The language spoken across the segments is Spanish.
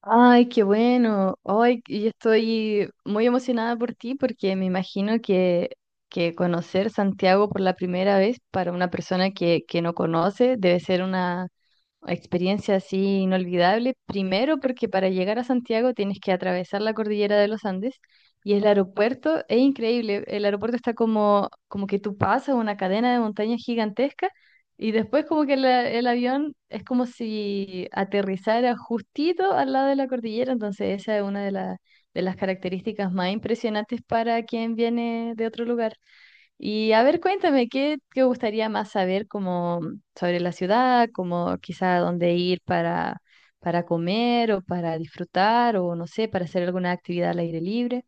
Ay, qué bueno. Ay, y yo estoy muy emocionada por ti porque me imagino que conocer Santiago por la primera vez para una persona que no conoce debe ser una experiencia así inolvidable. Primero porque para llegar a Santiago tienes que atravesar la cordillera de los Andes y el aeropuerto es increíble. El aeropuerto está como que tú pasas una cadena de montañas gigantesca y después como que el avión es como si aterrizara justito al lado de la cordillera. Entonces esa es una de de las características más impresionantes para quien viene de otro lugar. Y a ver, cuéntame, ¿qué te gustaría más saber como sobre la ciudad, como quizá dónde ir para comer o para disfrutar o no sé, para hacer alguna actividad al aire libre?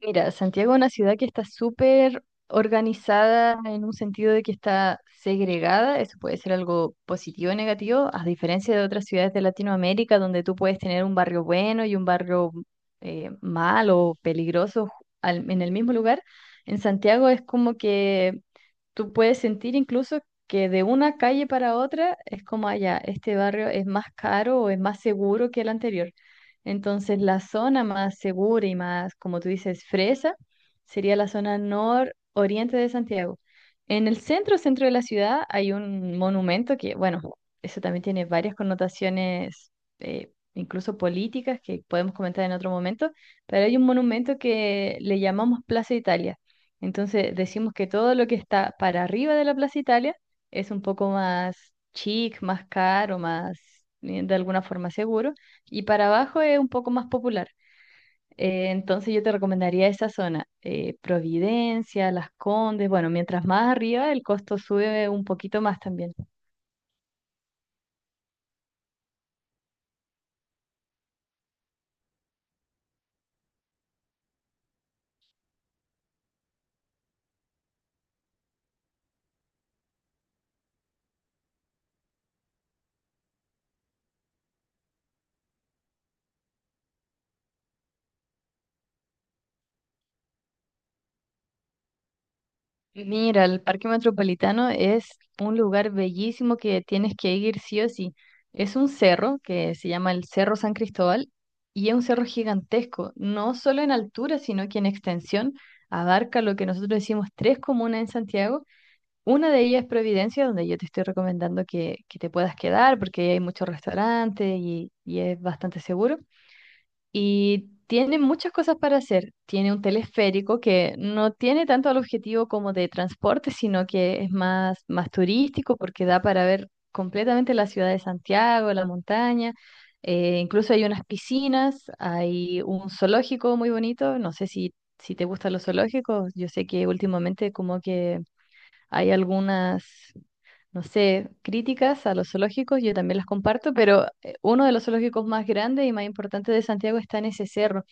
Mira, Santiago es una ciudad que está súper organizada en un sentido de que está segregada, eso puede ser algo positivo o negativo, a diferencia de otras ciudades de Latinoamérica donde tú puedes tener un barrio bueno y un barrio malo peligroso en el mismo lugar. En Santiago es como que tú puedes sentir incluso que de una calle para otra es como allá, este barrio es más caro o es más seguro que el anterior. Entonces, la zona más segura y más, como tú dices, fresa, sería la zona nororiente de Santiago. En el centro de la ciudad, hay un monumento que, bueno, eso también tiene varias connotaciones, incluso políticas, que podemos comentar en otro momento, pero hay un monumento que le llamamos Plaza Italia. Entonces, decimos que todo lo que está para arriba de la Plaza Italia es un poco más chic, más caro, más, de alguna forma seguro. Y para abajo es un poco más popular. Entonces yo te recomendaría esa zona, Providencia, Las Condes. Bueno, mientras más arriba el costo sube un poquito más también. Mira, el Parque Metropolitano es un lugar bellísimo que tienes que ir sí o sí. Es un cerro que se llama el Cerro San Cristóbal y es un cerro gigantesco, no solo en altura, sino que en extensión abarca lo que nosotros decimos tres comunas en Santiago. Una de ellas es Providencia, donde yo te estoy recomendando que te puedas quedar porque ahí hay muchos restaurantes y es bastante seguro. Y tiene muchas cosas para hacer. Tiene un teleférico que no tiene tanto el objetivo como de transporte, sino que es más, más turístico porque da para ver completamente la ciudad de Santiago, la montaña. Incluso hay unas piscinas, hay un zoológico muy bonito. No sé si te gustan los zoológicos. Yo sé que últimamente como que hay algunas no sé, críticas a los zoológicos, yo también las comparto, pero uno de los zoológicos más grandes y más importantes de Santiago está en ese cerro.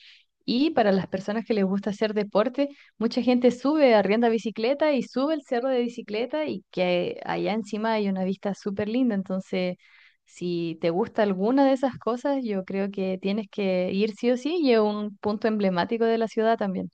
Y para las personas que les gusta hacer deporte, mucha gente sube, arrienda bicicleta y sube el cerro de bicicleta y que allá encima hay una vista súper linda. Entonces, si te gusta alguna de esas cosas, yo creo que tienes que ir sí o sí y es un punto emblemático de la ciudad también.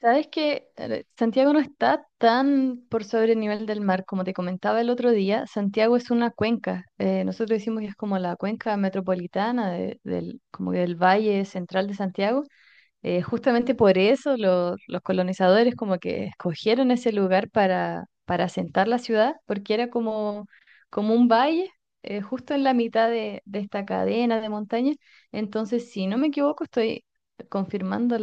Sabes que Santiago no está tan por sobre el nivel del mar, como te comentaba el otro día, Santiago es una cuenca. Nosotros decimos que es como la cuenca metropolitana del, como que del valle central de Santiago. Justamente por eso los colonizadores como que escogieron ese lugar para asentar la ciudad, porque era como un valle justo en la mitad de esta cadena de montañas. Entonces, si no me equivoco, estoy confirmando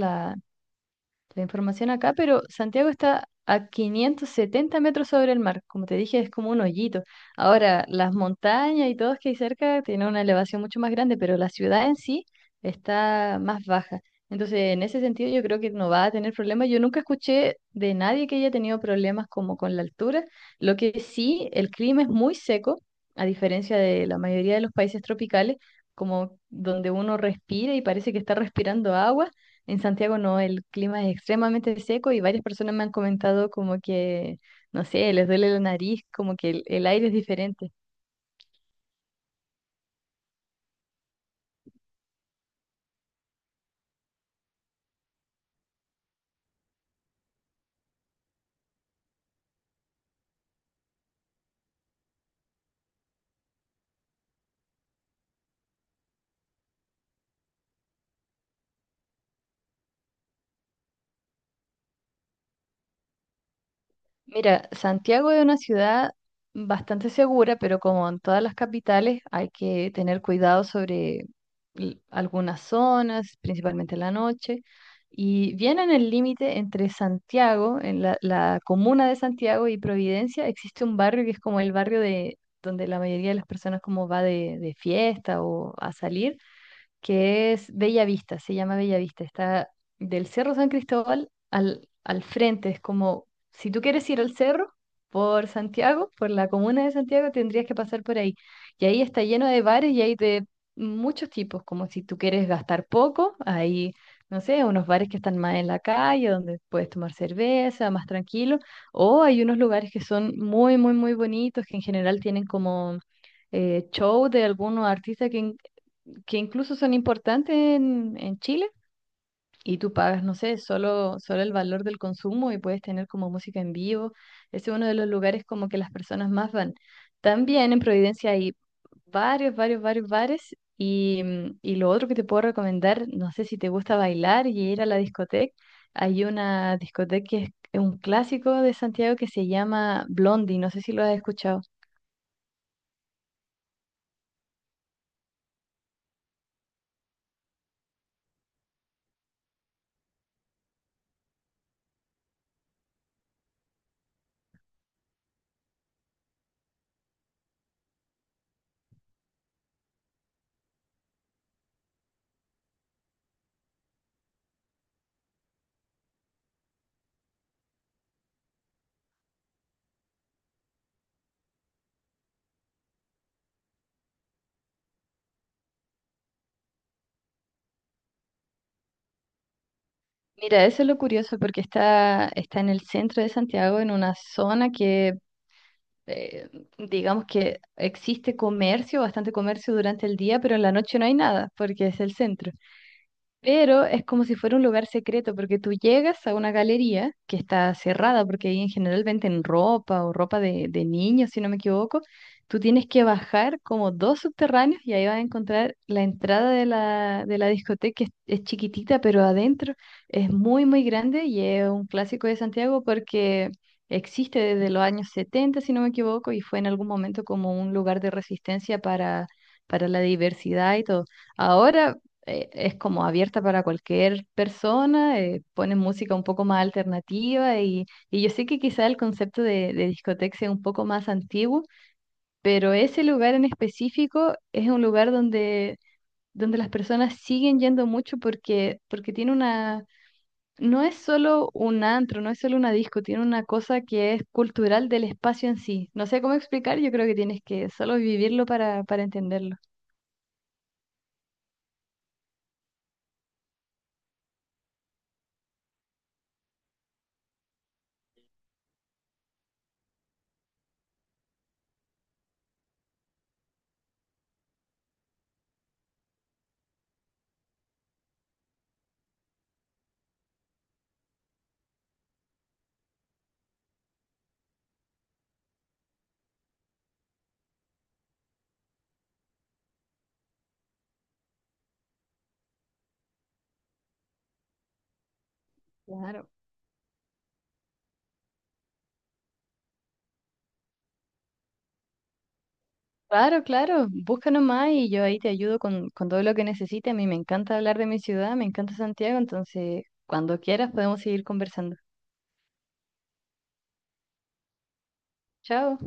la información acá, pero Santiago está a 570 metros sobre el mar. Como te dije, es como un hoyito. Ahora, las montañas y todos que hay cerca tienen una elevación mucho más grande, pero la ciudad en sí está más baja. Entonces, en ese sentido, yo creo que no va a tener problemas. Yo nunca escuché de nadie que haya tenido problemas como con la altura. Lo que sí, el clima es muy seco, a diferencia de la mayoría de los países tropicales, como donde uno respira y parece que está respirando agua. En Santiago no, el clima es extremadamente seco y varias personas me han comentado como que, no sé, les duele la nariz, como que el aire es diferente. Mira, Santiago es una ciudad bastante segura, pero como en todas las capitales, hay que tener cuidado sobre algunas zonas, principalmente en la noche. Y viene en el límite entre Santiago, en la comuna de Santiago y Providencia, existe un barrio que es como el barrio de donde la mayoría de las personas como va de fiesta o a salir que es Bellavista, se llama Bellavista, está del Cerro San Cristóbal al frente, es como, si tú quieres ir al cerro por Santiago, por la comuna de Santiago, tendrías que pasar por ahí. Y ahí está lleno de bares y hay de muchos tipos, como si tú quieres gastar poco, hay, no sé, unos bares que están más en la calle, donde puedes tomar cerveza, más tranquilo, o hay unos lugares que son muy, muy, muy bonitos, que en general tienen como show de algunos artistas que incluso son importantes en Chile y tú pagas, no sé, solo el valor del consumo y puedes tener como música en vivo. Ese es uno de los lugares como que las personas más van. También en Providencia hay varios, varios, varios bares y lo otro que te puedo recomendar, no sé si te gusta bailar y ir a la discoteca, hay una discoteca que es un clásico de Santiago que se llama Blondie, no sé si lo has escuchado. Mira, eso es lo curioso porque está, está en el centro de Santiago, en una zona que eh, digamos que existe comercio, bastante comercio durante el día, pero en la noche no hay nada porque es el centro. Pero es como si fuera un lugar secreto, porque tú llegas a una galería que está cerrada, porque ahí en general venden ropa o ropa de niños, si no me equivoco. Tú tienes que bajar como dos subterráneos y ahí vas a encontrar la entrada de la discoteca, que es chiquitita, pero adentro es muy, muy grande y es un clásico de Santiago porque existe desde los años 70 si no me equivoco, y fue en algún momento como un lugar de resistencia para la diversidad y todo. Ahora es como abierta para cualquier persona, ponen música un poco más alternativa y yo sé que quizá el concepto de discoteca sea un poco más antiguo, pero ese lugar en específico es un lugar donde las personas siguen yendo mucho porque tiene una... No es solo un antro, no es solo una disco, tiene una cosa que es cultural del espacio en sí. No sé cómo explicar, yo creo que tienes que solo vivirlo para entenderlo. Claro. Claro, claro, busca nomás y yo ahí te ayudo con todo lo que necesites. A mí me encanta hablar de mi ciudad, me encanta Santiago, entonces cuando quieras podemos seguir conversando. Chao.